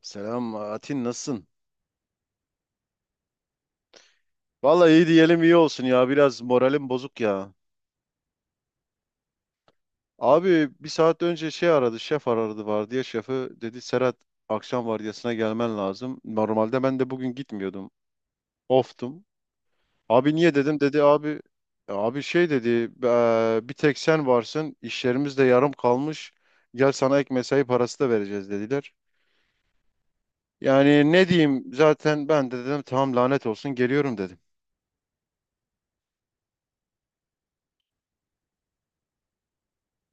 Selam Atin nasılsın? Vallahi iyi diyelim iyi olsun ya biraz moralim bozuk ya. Abi bir saat önce şey aradı şef aradı var diye şefi dedi Serhat akşam vardiyasına gelmen lazım. Normalde ben de bugün gitmiyordum oftum. Abi niye dedim dedi abi şey dedi bir tek sen varsın işlerimiz de yarım kalmış gel sana ek mesai parası da vereceğiz dediler. Yani ne diyeyim zaten ben de dedim tamam lanet olsun geliyorum dedim.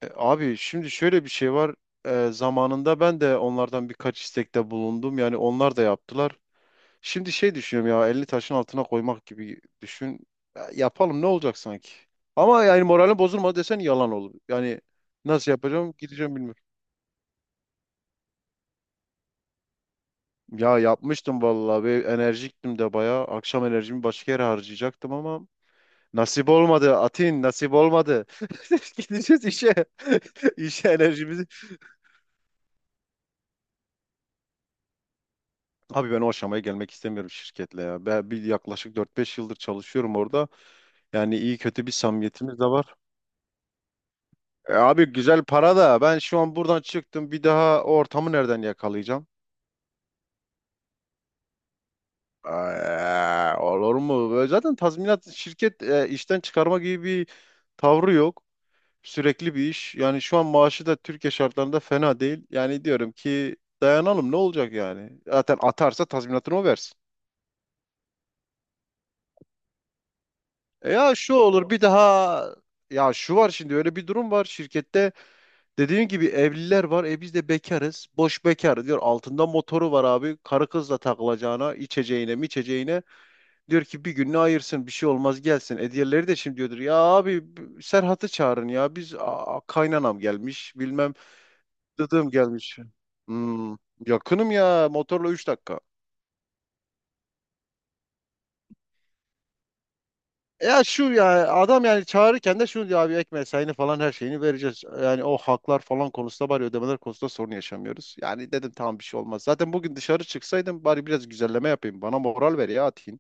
Abi şimdi şöyle bir şey var. Zamanında ben de onlardan birkaç istekte bulundum. Yani onlar da yaptılar. Şimdi şey düşünüyorum ya elini taşın altına koymak gibi düşün. Ya, yapalım ne olacak sanki? Ama yani moralim bozulmadı desen yalan olur. Yani nasıl yapacağım gideceğim bilmiyorum. Ya yapmıştım vallahi ve enerjiktim de bayağı. Akşam enerjimi başka yere harcayacaktım ama nasip olmadı. Atin nasip olmadı. Gideceğiz işe. İşe enerjimizi Abi ben o aşamaya gelmek istemiyorum şirketle ya. Ben bir yaklaşık 4-5 yıldır çalışıyorum orada. Yani iyi kötü bir samimiyetimiz de var. Abi güzel para da ben şu an buradan çıktım bir daha o ortamı nereden yakalayacağım? Olur mu? Böyle zaten tazminat şirket işten çıkarma gibi bir tavrı yok. Sürekli bir iş. Yani şu an maaşı da Türkiye şartlarında fena değil. Yani diyorum ki dayanalım ne olacak yani? Zaten atarsa tazminatını o versin. Ya şu olur bir daha ya şu var şimdi öyle bir durum var şirkette dediğim gibi evliler var biz de bekarız boş bekar diyor altında motoru var abi karı kızla takılacağına içeceğine içeceğine diyor ki bir gününü ayırsın bir şey olmaz gelsin diğerleri de şimdi diyordur ya abi b- Serhat'ı çağırın ya biz a- kaynanam gelmiş bilmem dıdım gelmiş. Hmm, yakınım ya motorla 3 dakika. Ya şu ya adam yani çağırırken de şunu diyor abi ek mesaini falan her şeyini vereceğiz. Yani o haklar falan konusunda bari ödemeler konusunda sorun yaşamıyoruz. Yani dedim tamam bir şey olmaz. Zaten bugün dışarı çıksaydım bari biraz güzelleme yapayım. Bana moral ver ya Atin.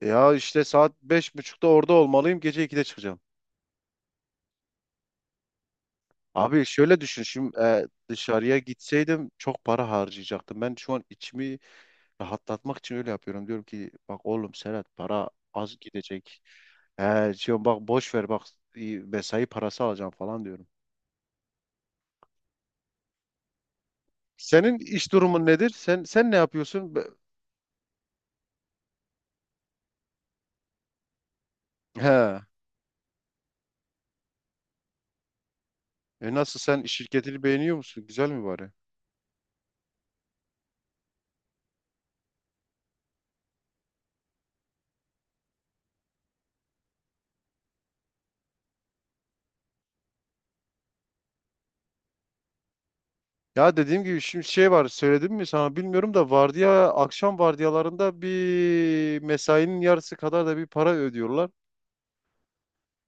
Ya işte saat 5.30'da orada olmalıyım gece 2'de çıkacağım. Abi şöyle düşün şimdi dışarıya gitseydim çok para harcayacaktım. Ben şu an içimi rahatlatmak için öyle yapıyorum. Diyorum ki bak oğlum Serhat para az gidecek. He, diyorum bak boş ver bak i- mesai parası alacağım falan diyorum. Senin iş durumun nedir? Sen ne yapıyorsun? Be- He. Nasıl sen şirketini beğeniyor musun? Güzel mi bari? Ya dediğim gibi şimdi şey var söyledim mi sana bilmiyorum da vardiya akşam vardiyalarında bir mesainin yarısı kadar da bir para ödüyorlar.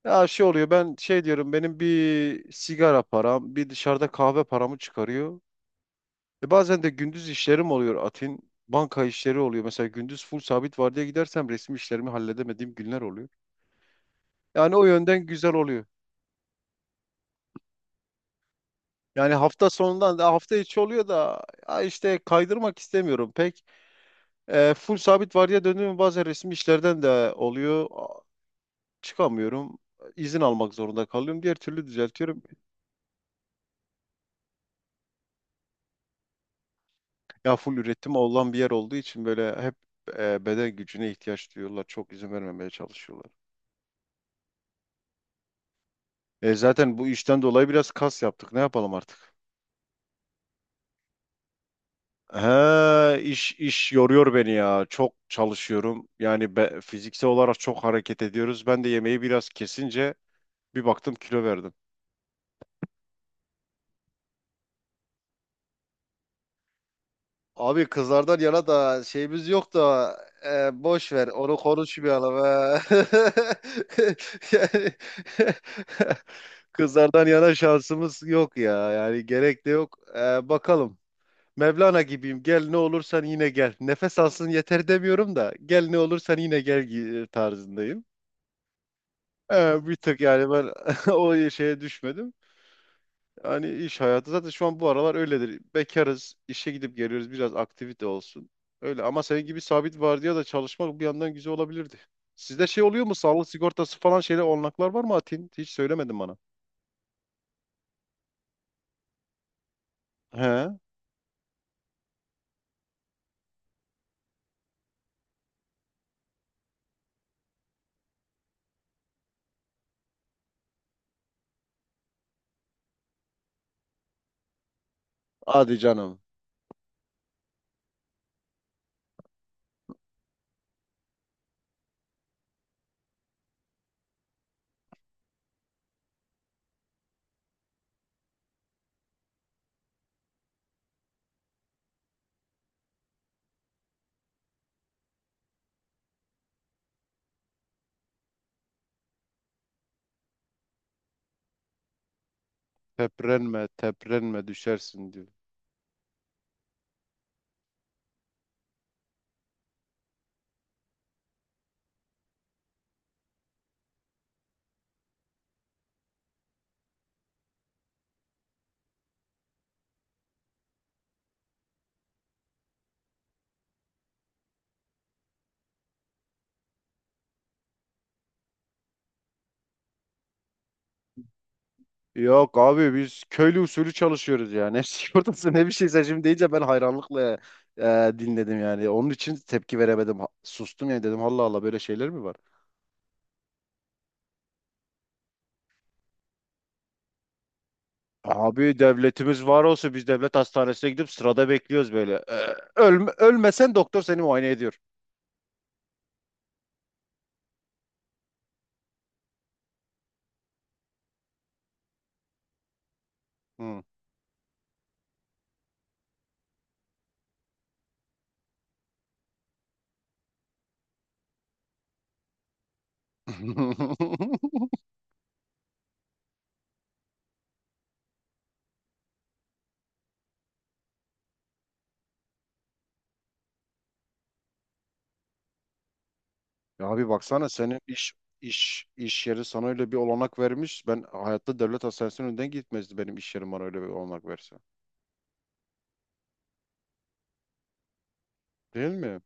Ya şey oluyor ben şey diyorum benim bir sigara param bir dışarıda kahve paramı çıkarıyor. Bazen de gündüz işlerim oluyor Atin. Banka işleri oluyor. Mesela gündüz full sabit vardiya gidersem resmi işlerimi halledemediğim günler oluyor. Yani o yönden güzel oluyor. Yani hafta sonundan da hafta içi oluyor da ya işte kaydırmak istemiyorum pek. Full sabit vardiya döndüğüm bazen resmi işlerden de oluyor. A- Çıkamıyorum. İzin almak zorunda kalıyorum. Diğer türlü düzeltiyorum. Ya full üretim olan bir yer olduğu için böyle hep beden gücüne ihtiyaç duyuyorlar. Çok izin vermemeye çalışıyorlar. Zaten bu işten dolayı biraz kas yaptık. Ne yapalım artık? He, iş yoruyor beni ya. Çok çalışıyorum. Yani be- fiziksel olarak çok hareket ediyoruz. Ben de yemeği biraz kesince bir baktım kilo verdim. Abi kızlardan yana da şeyimiz yok da boş ver onu konuşmayalım. Ha. Yani kızlardan yana şansımız yok ya yani gerek de yok. Bakalım. Mevlana gibiyim. Gel ne olursan yine gel. Nefes alsın yeter demiyorum da gel ne olursan yine gel gi- tarzındayım. Bir tık yani ben o şeye düşmedim. Hani iş hayatı zaten şu an bu aralar öyledir. Bekarız, işe gidip geliyoruz. Biraz aktivite olsun. Öyle ama senin gibi sabit vardiya da çalışmak bir yandan güzel olabilirdi. Sizde şey oluyor mu? Sağlık sigortası falan şeyle olanaklar var mı Atin? Hiç söylemedin bana. He? Hadi canım. Teprenme, teprenme düşersin diyor. Yok abi biz köylü usulü çalışıyoruz yani. Ne sigortası ne bir şeyse şimdi deyince ben hayranlıkla dinledim yani. Onun için tepki veremedim. Ha- Sustum yani dedim Allah Allah böyle şeyler mi var? Abi devletimiz var olsa biz devlet hastanesine gidip sırada bekliyoruz böyle. Ölme- ölmesen doktor seni muayene ediyor. Hı. Ya abi baksana senin iş yeri sana öyle bir olanak vermiş. Ben hayatta devlet hastanesinin önünden gitmezdi benim iş yerim bana öyle bir olanak verse. Değil mi?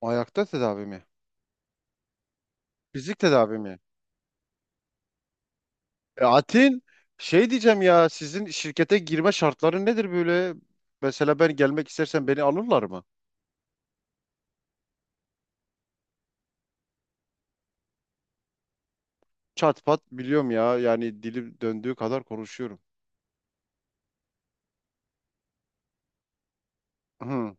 Ayakta tedavi mi? Fizik tedavi mi? Atin şey diyeceğim ya sizin şirkete girme şartları nedir böyle? Mesela ben gelmek istersen beni alırlar mı? Çat pat biliyorum ya yani dilim döndüğü kadar konuşuyorum. Hı.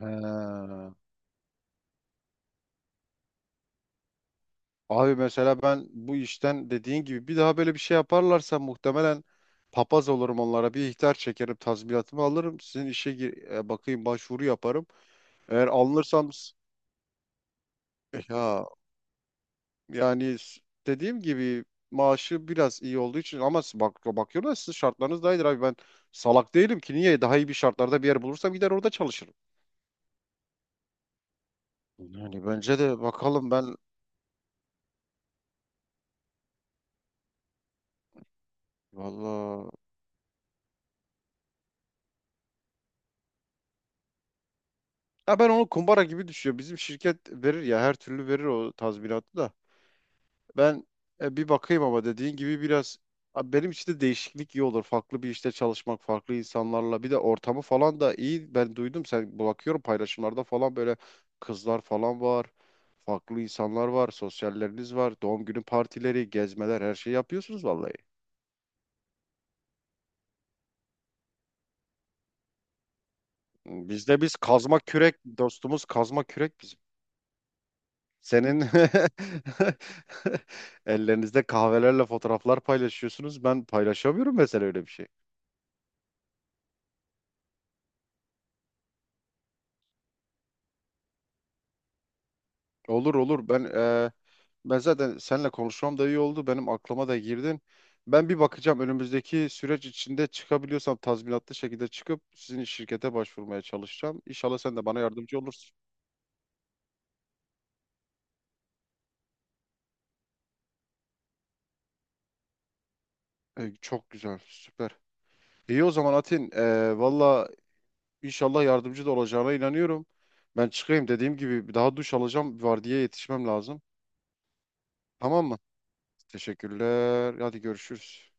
He. Abi mesela ben bu işten dediğin gibi bir daha böyle bir şey yaparlarsa muhtemelen papaz olurum onlara bir ihtar çekerim tazminatımı alırım sizin işe gir- bakayım başvuru yaparım. Eğer alınırsam s- ya Yani s- dediğim gibi maaşı biraz iyi olduğu için ama s- bak bakıyorum da şartlarınız daha iyidir abi. Ben salak değilim ki niye daha iyi bir şartlarda bir yer bulursam gider orada çalışırım. Yani bence de bakalım ben valla. Ya ben onu kumbara gibi düşüyor. Bizim şirket verir ya her türlü verir o tazminatı da. Ben bir bakayım ama dediğin gibi biraz Abi benim için de değişiklik iyi olur. Farklı bir işte çalışmak, farklı insanlarla. Bir de ortamı falan da iyi. Ben duydum sen bakıyorum paylaşımlarda falan böyle kızlar falan var. Farklı insanlar var. Sosyalleriniz var. Doğum günü partileri, gezmeler her şeyi yapıyorsunuz vallahi. Bizde biz kazma kürek dostumuz kazma kürek bizim. Senin ellerinizde kahvelerle fotoğraflar paylaşıyorsunuz. Ben paylaşamıyorum mesela öyle bir şey. Olur olur. Ben zaten seninle konuşmam da iyi oldu. Benim aklıma da girdin. Ben bir bakacağım önümüzdeki süreç içinde çıkabiliyorsam tazminatlı şekilde çıkıp sizin şirkete başvurmaya çalışacağım. İnşallah sen de bana yardımcı olursun. Çok güzel, süper. İyi o zaman Atin. Valla inşallah yardımcı da olacağına inanıyorum. Ben çıkayım dediğim gibi bir daha duş alacağım. Vardiyaya yetişmem lazım. Tamam mı? Teşekkürler. Hadi görüşürüz.